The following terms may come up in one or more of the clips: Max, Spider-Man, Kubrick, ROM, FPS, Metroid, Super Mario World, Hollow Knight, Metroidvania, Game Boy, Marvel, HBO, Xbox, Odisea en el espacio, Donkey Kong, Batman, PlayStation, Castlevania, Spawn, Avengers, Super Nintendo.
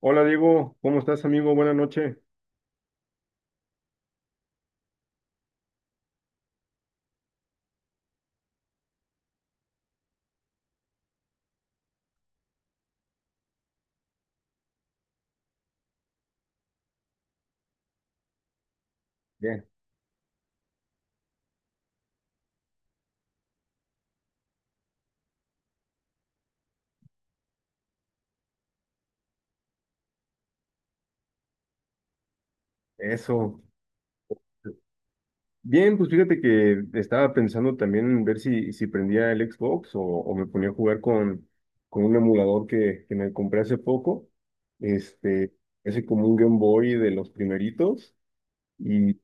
Hola Diego, ¿cómo estás amigo? Buenas noches. Bien, eso. Bien, pues fíjate que estaba pensando también en ver si prendía el Xbox o me ponía a jugar con un emulador que me compré hace poco. Este, ese como un Game Boy de los primeritos. Y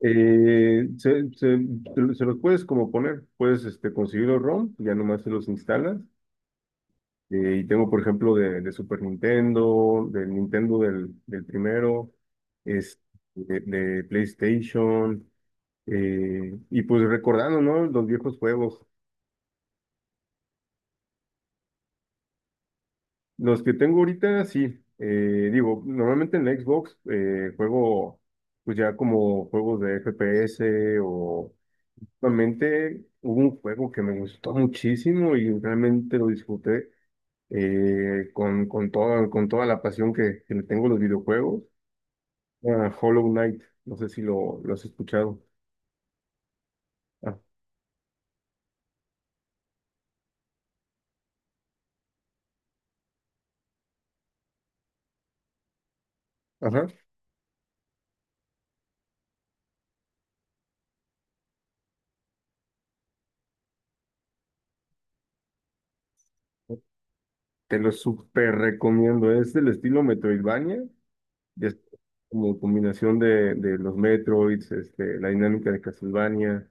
eh, se, se- se los puedes como poner, puedes este, conseguir los ROM, ya nomás se los instalas. Y tengo, por ejemplo, de Super Nintendo, del Nintendo del primero, es de PlayStation, y pues recordando, ¿no? Los viejos juegos. Los que tengo ahorita, sí. Digo, normalmente en la Xbox juego, pues ya como juegos de FPS o... Realmente hubo un juego que me gustó muchísimo y realmente lo disfruté con toda la pasión que le tengo a los videojuegos. Ah, Hollow Knight, no sé si lo has escuchado. Ah, ajá. Te lo súper recomiendo. Es del estilo Metroidvania, y es como combinación de los Metroids, este, la dinámica de Castlevania.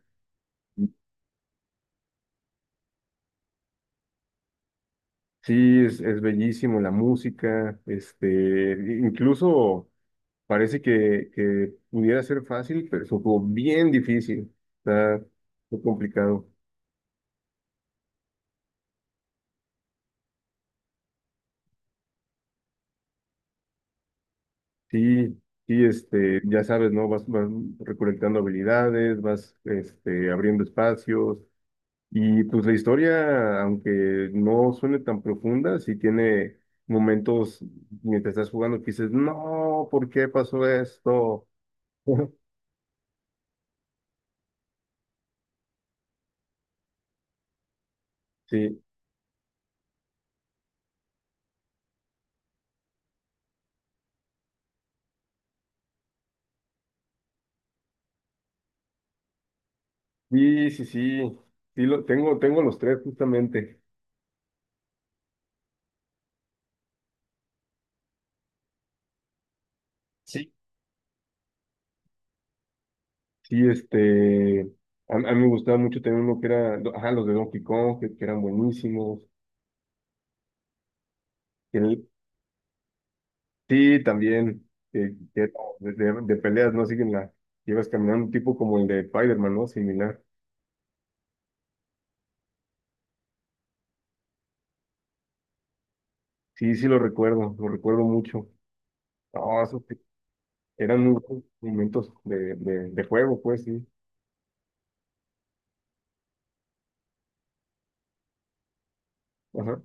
Sí, es bellísimo la música, este, incluso parece que pudiera ser fácil, pero es un juego bien difícil, está muy complicado. Sí, sí, este, ya sabes, ¿no? Vas recolectando habilidades, vas, este, abriendo espacios y pues la historia, aunque no suene tan profunda, sí tiene momentos mientras estás jugando que dices, no, ¿por qué pasó esto? Sí, sí, sí, sí, sí, lo, tengo, tengo los tres justamente. Sí. Sí, este, a mí me gustaba mucho también uno que era, ajá, los de Donkey Kong, que eran buenísimos, que, sí, también, que de peleas, ¿no? Siguen la, llevas caminando un tipo como el de Spider-Man, ¿no? Similar. Sí, sí lo recuerdo mucho. No, esos te- eran muy buenos momentos de juego, pues, sí. Ajá.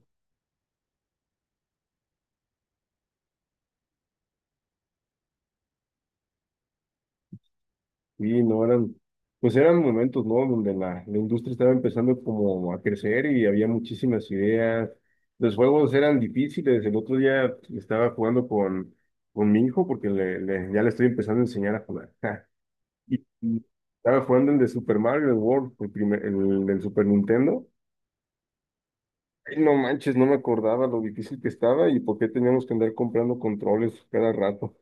Sí, no eran, pues eran momentos, ¿no? Donde la industria estaba empezando como a crecer y había muchísimas ideas. Los juegos eran difíciles. El otro día estaba jugando con mi hijo porque ya le estoy empezando a enseñar a jugar. Y, y, estaba jugando el de Super Mario World, el del Super Nintendo. Ay, no manches, no me acordaba lo difícil que estaba y por qué teníamos que andar comprando controles cada rato.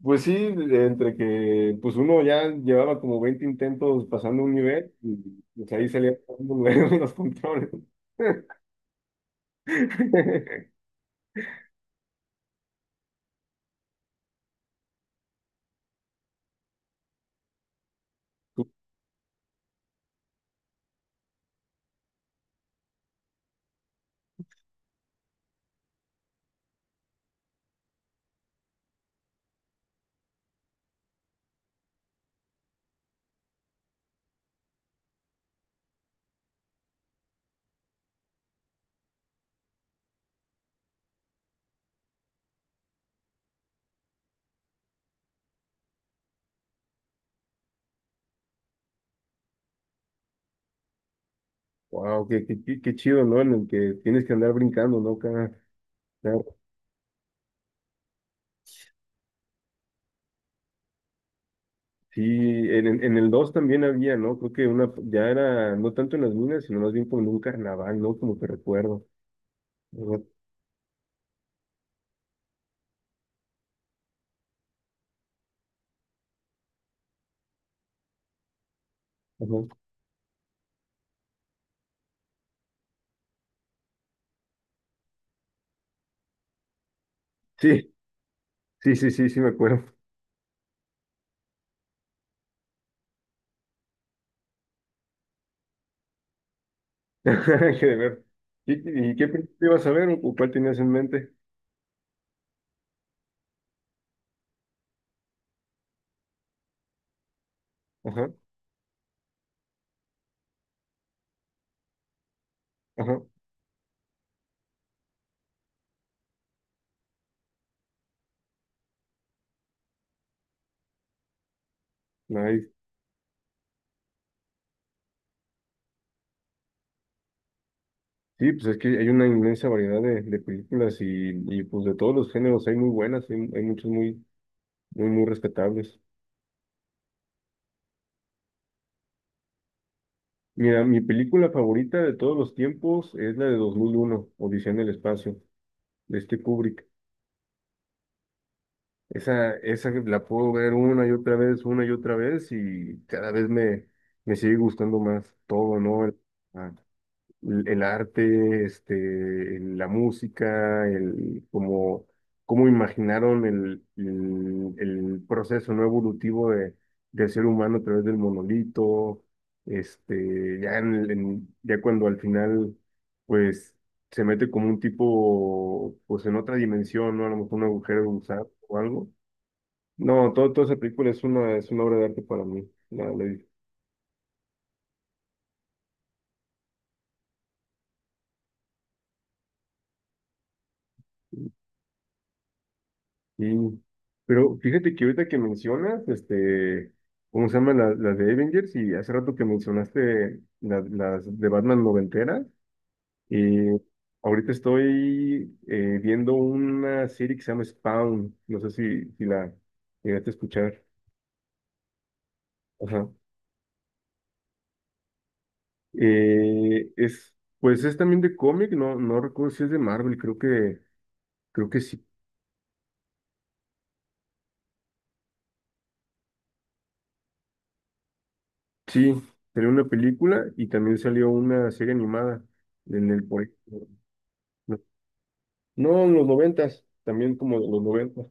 Pues sí, entre que pues uno ya llevaba como 20 intentos pasando un nivel y pues ahí salían los controles. Wow, qué chido, ¿no? En el que tienes que andar brincando, ¿no? Cada, cada sí, en, en el 2 también había, ¿no? Creo que una, ya era, no tanto en las minas, sino más bien como en un carnaval, ¿no? Como que recuerdo. Ajá, ajá. Sí, sí, sí, sí, sí, me acuerdo. Qué de ver. Y qué película ibas a ver o cuál tenías en mente? Ajá, ajá. Nice. Sí, pues es que hay una inmensa variedad de películas y pues de todos los géneros hay muy buenas, hay muchas muy, muy, muy rescatables. Mira, mi película favorita de todos los tiempos es la de 2001, Odisea en el espacio, de este Kubrick. Esa la puedo ver una y otra vez, una y otra vez, y cada vez me, me sigue gustando más todo, ¿no? El, ah, el arte, este, la música, el cómo, cómo imaginaron el proceso no evolutivo de, del ser humano a través del monolito, este, ya en, ya cuando al final, pues, se mete como un tipo, pues en otra dimensión, ¿no? A lo mejor un agujero de gusano o algo no, todo, toda esa película es una obra de arte para mí. Y- pero fíjate que ahorita que mencionas, este, ¿cómo se llama? Las de Avengers y hace rato que mencionaste las de Batman noventeras y ahorita estoy viendo una serie que se llama Spawn, no sé si, si la llegaste a escuchar. Ajá. Es, pues es también de cómic, no, no recuerdo si es de Marvel, creo que sí. Sí, salió una película y también salió una serie animada en el por no, no, en los noventas, también como de los noventas.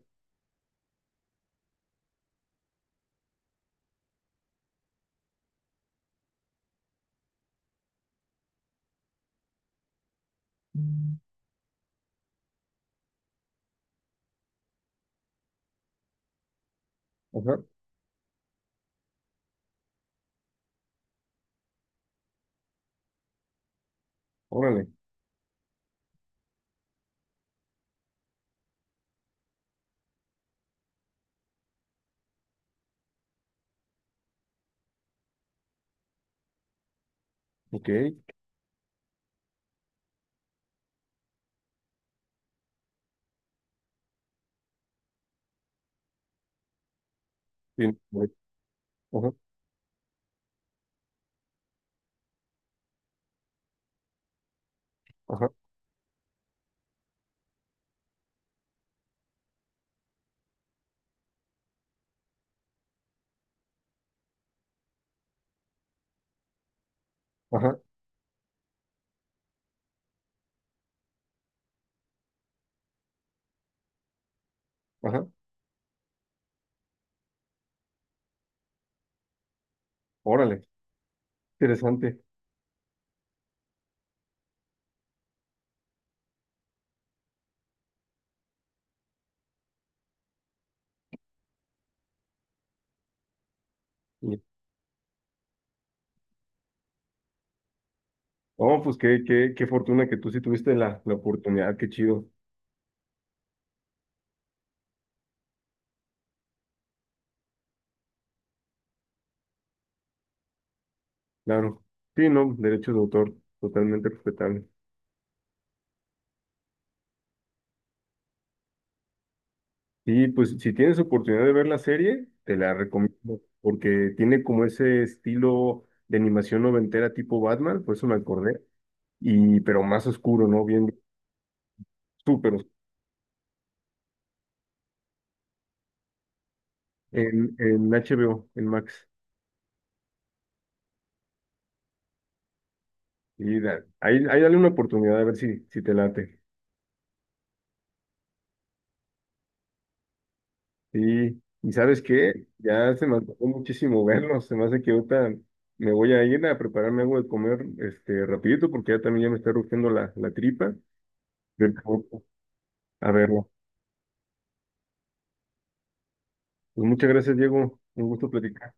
Ajá, órale, ok, bien, bueno, ajá, ajá, ajá, ajá, órale, interesante. Y- Oh, pues qué, qué, qué fortuna que tú sí tuviste la oportunidad, qué chido, claro. Sí, no, derechos de autor, totalmente respetable. Y pues si tienes oportunidad de ver la serie, te la recomiendo porque tiene como ese estilo de animación noventera tipo Batman, por eso me acordé, y pero más oscuro, ¿no? Bien, súper oscuro, en HBO, en Max. Ahí, ahí dale una oportunidad a ver si, si te late. Sí, y ¿sabes qué? Ya se me antojó muchísimo verlo, se me hace que ahorita me voy a ir a prepararme algo de comer este rapidito porque ya también ya me está rugiendo la, la tripa. Pero, a verlo. Pues muchas gracias, Diego. Un gusto platicar.